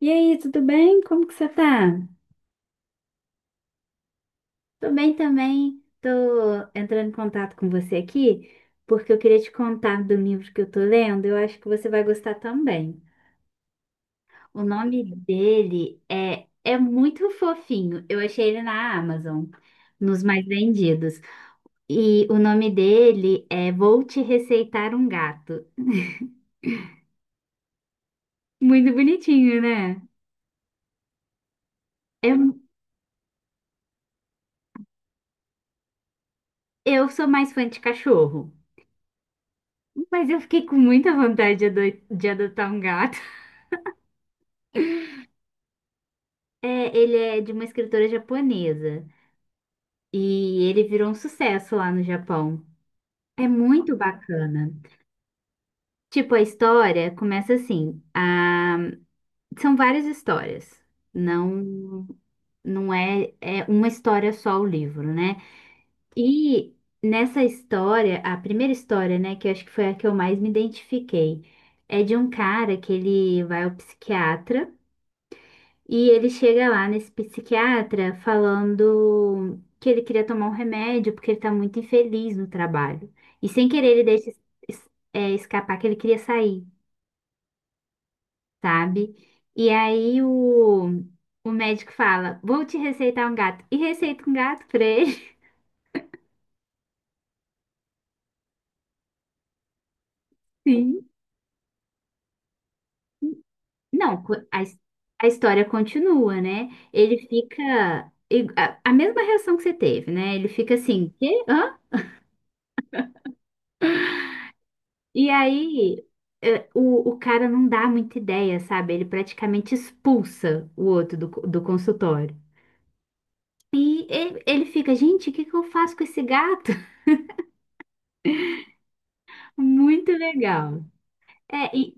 E aí, tudo bem? Como que você tá? Tô bem também. Tô entrando em contato com você aqui porque eu queria te contar do livro que eu tô lendo. Eu acho que você vai gostar também. O nome dele é muito fofinho. Eu achei ele na Amazon, nos mais vendidos. E o nome dele é Vou Te Receitar um Gato. Muito bonitinho, né? Eu, eu sou mais fã de cachorro, mas eu fiquei com muita vontade de de adotar um gato. É, ele é de uma escritora japonesa e ele virou um sucesso lá no Japão. É muito bacana. Tipo, a história começa assim. São várias histórias. Não, não é, é uma história só o livro, né? E nessa história, a primeira história, né, que eu acho que foi a que eu mais me identifiquei, é de um cara que ele vai ao psiquiatra. E ele chega lá nesse psiquiatra falando que ele queria tomar um remédio porque ele tá muito infeliz no trabalho. E sem querer ele deixa escapar que ele queria sair, sabe? E aí o médico fala: Vou te receitar um gato. E receita um gato pra ele. Sim. Não, a história continua, né? Ele fica. A mesma reação que você teve, né? Ele fica assim: Quê? Hã? E aí, o cara não dá muita ideia, sabe? Ele praticamente expulsa o outro do, do consultório. E ele fica, gente, o que que eu faço com esse gato? Muito legal. É, e,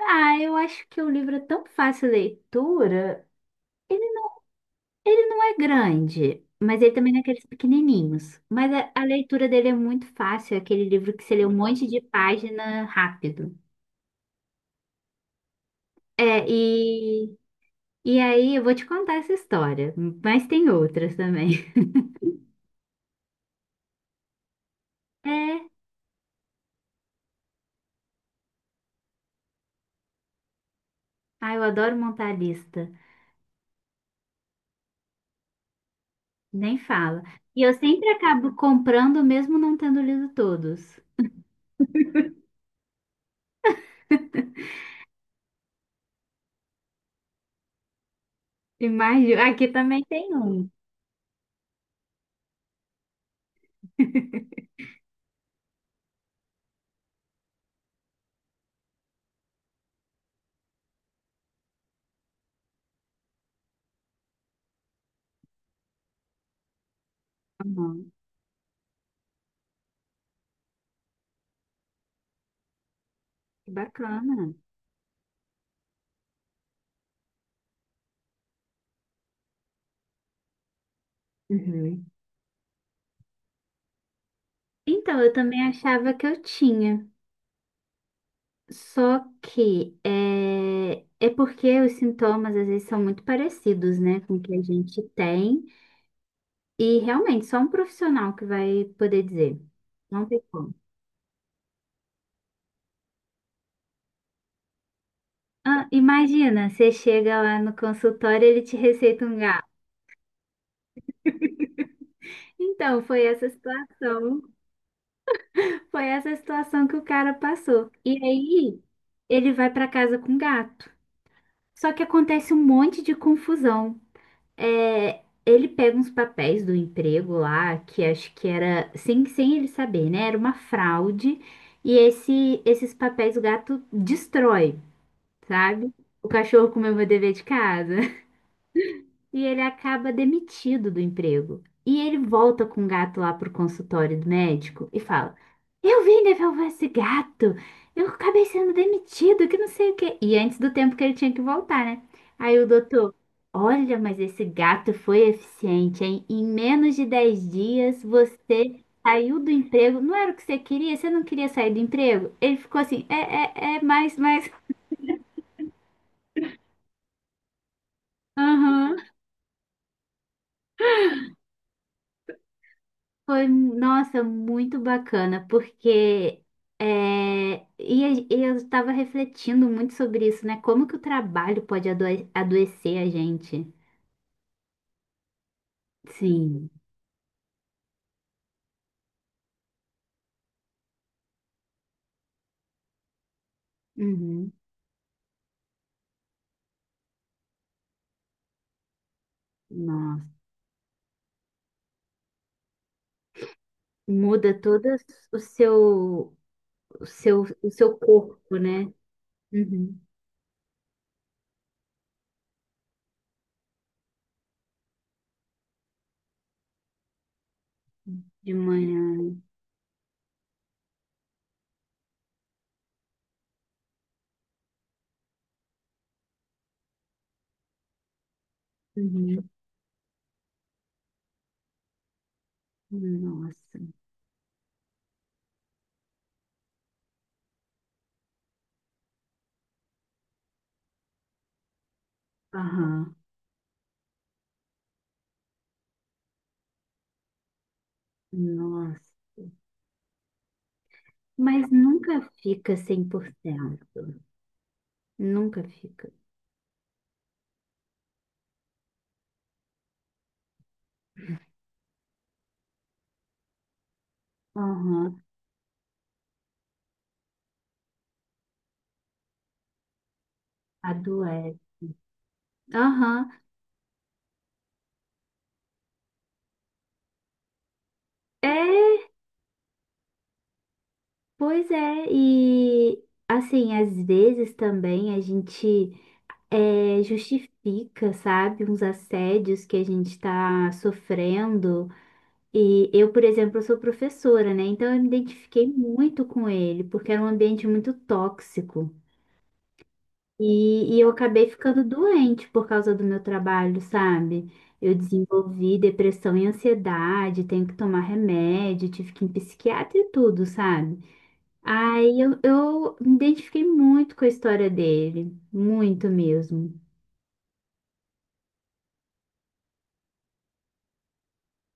eu acho que o livro é tão fácil de leitura. Ele, ele não é grande, mas ele também não é aqueles pequenininhos. Mas a leitura dele é muito fácil, é aquele livro que você lê um monte de página rápido. É, e E aí, eu vou te contar essa história, mas tem outras também. É, eu adoro montar lista, nem fala. E eu sempre acabo comprando, mesmo não tendo lido todos. Imagina, aqui também tem um. Uhum. Que bacana. Uhum. Então, eu também achava que eu tinha, só que é porque os sintomas às vezes são muito parecidos, né, com o que a gente tem. E realmente, só um profissional que vai poder dizer. Não tem como. Ah, imagina, você chega lá no consultório e ele te receita um gato. Então, foi essa situação. Foi essa situação que o cara passou. E aí, ele vai para casa com o gato. Só que acontece um monte de confusão. É, ele pega uns papéis do emprego lá, que acho que era, sem, sem ele saber, né? Era uma fraude. E esses papéis o gato destrói, sabe? O cachorro comeu meu dever de casa. E ele acaba demitido do emprego. E ele volta com o gato lá pro consultório do médico e fala: Eu vim devolver esse gato. Eu acabei sendo demitido, que não sei o quê. E antes do tempo que ele tinha que voltar, né? Aí o doutor: Olha, mas esse gato foi eficiente, hein? Em menos de 10 dias você saiu do emprego. Não era o que você queria? Você não queria sair do emprego? Ele ficou assim: É, é, é, mais, mais. Aham. Foi, nossa, muito bacana, porque é, e eu estava refletindo muito sobre isso, né? Como que o trabalho pode adoecer a gente? Sim. Uhum. Nossa, muda todo o seu, o seu corpo, né? Uhum. De manhã. Uhum. Nossa. Aham. Nossa. Mas nunca fica 100%. Nunca fica. Aham. Adoece. Aham. É, pois é. E assim, às vezes também a gente justifica, sabe, uns assédios que a gente está sofrendo. E eu, por exemplo, sou professora, né? Então eu me identifiquei muito com ele, porque era um ambiente muito tóxico. E eu acabei ficando doente por causa do meu trabalho, sabe? Eu desenvolvi depressão e ansiedade, tenho que tomar remédio, tive que ir em psiquiatra e tudo, sabe? Eu me identifiquei muito com a história dele, muito mesmo.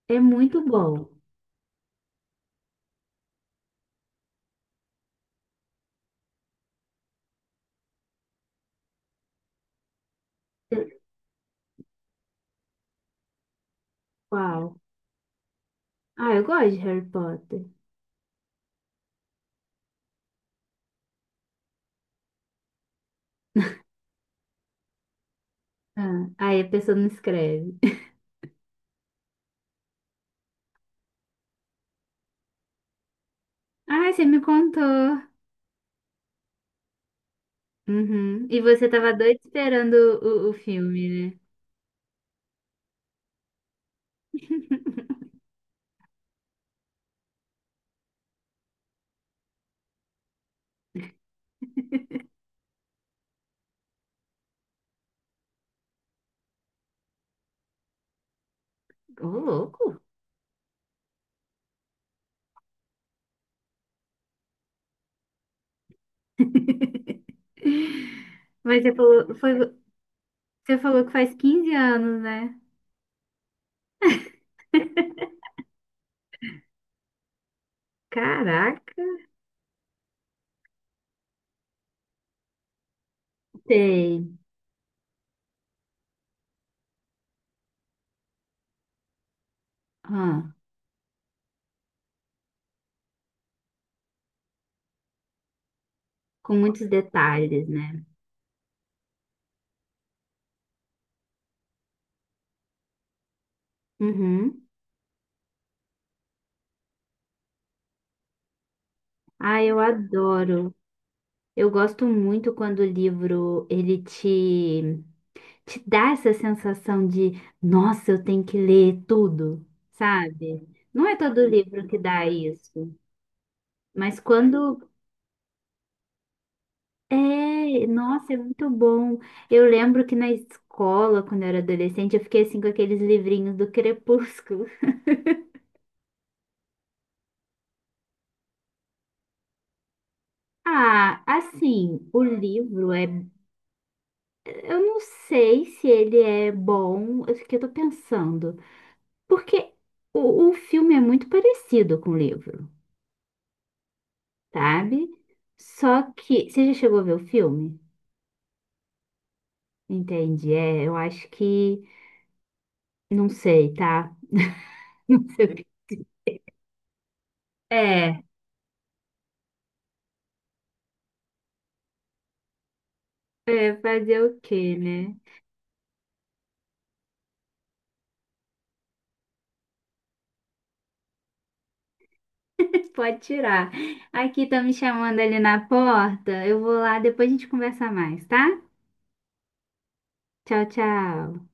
É muito bom. Uau. Ah, eu gosto de Harry Potter. Ah, aí a pessoa não escreve. Ah, você me contou. Uhum. E você tava doido esperando o filme, né? Ô, louco. Mas você falou, foi, você falou que faz 15 anos, né? Caraca. Tem. Ah, com muitos detalhes, né? Uhum. Ah, eu adoro. Eu gosto muito quando o livro ele te, te dá essa sensação de, nossa, eu tenho que ler tudo, sabe? Não é todo livro que dá isso, mas quando é, nossa, é muito bom. Eu lembro que na escola, quando eu era adolescente, eu fiquei assim com aqueles livrinhos do Crepúsculo. Ah, assim, o livro é, eu não sei se ele é bom, eu fiquei, eu tô pensando. Porque o filme é muito parecido com o livro, sabe? Só que. Você já chegou a ver o filme? Entende? É, eu acho que. Não sei, tá? Não sei o que. É, é fazer o quê, né? Pode tirar. Aqui estão me chamando ali na porta. Eu vou lá, depois a gente conversa mais, tá? Tchau, tchau.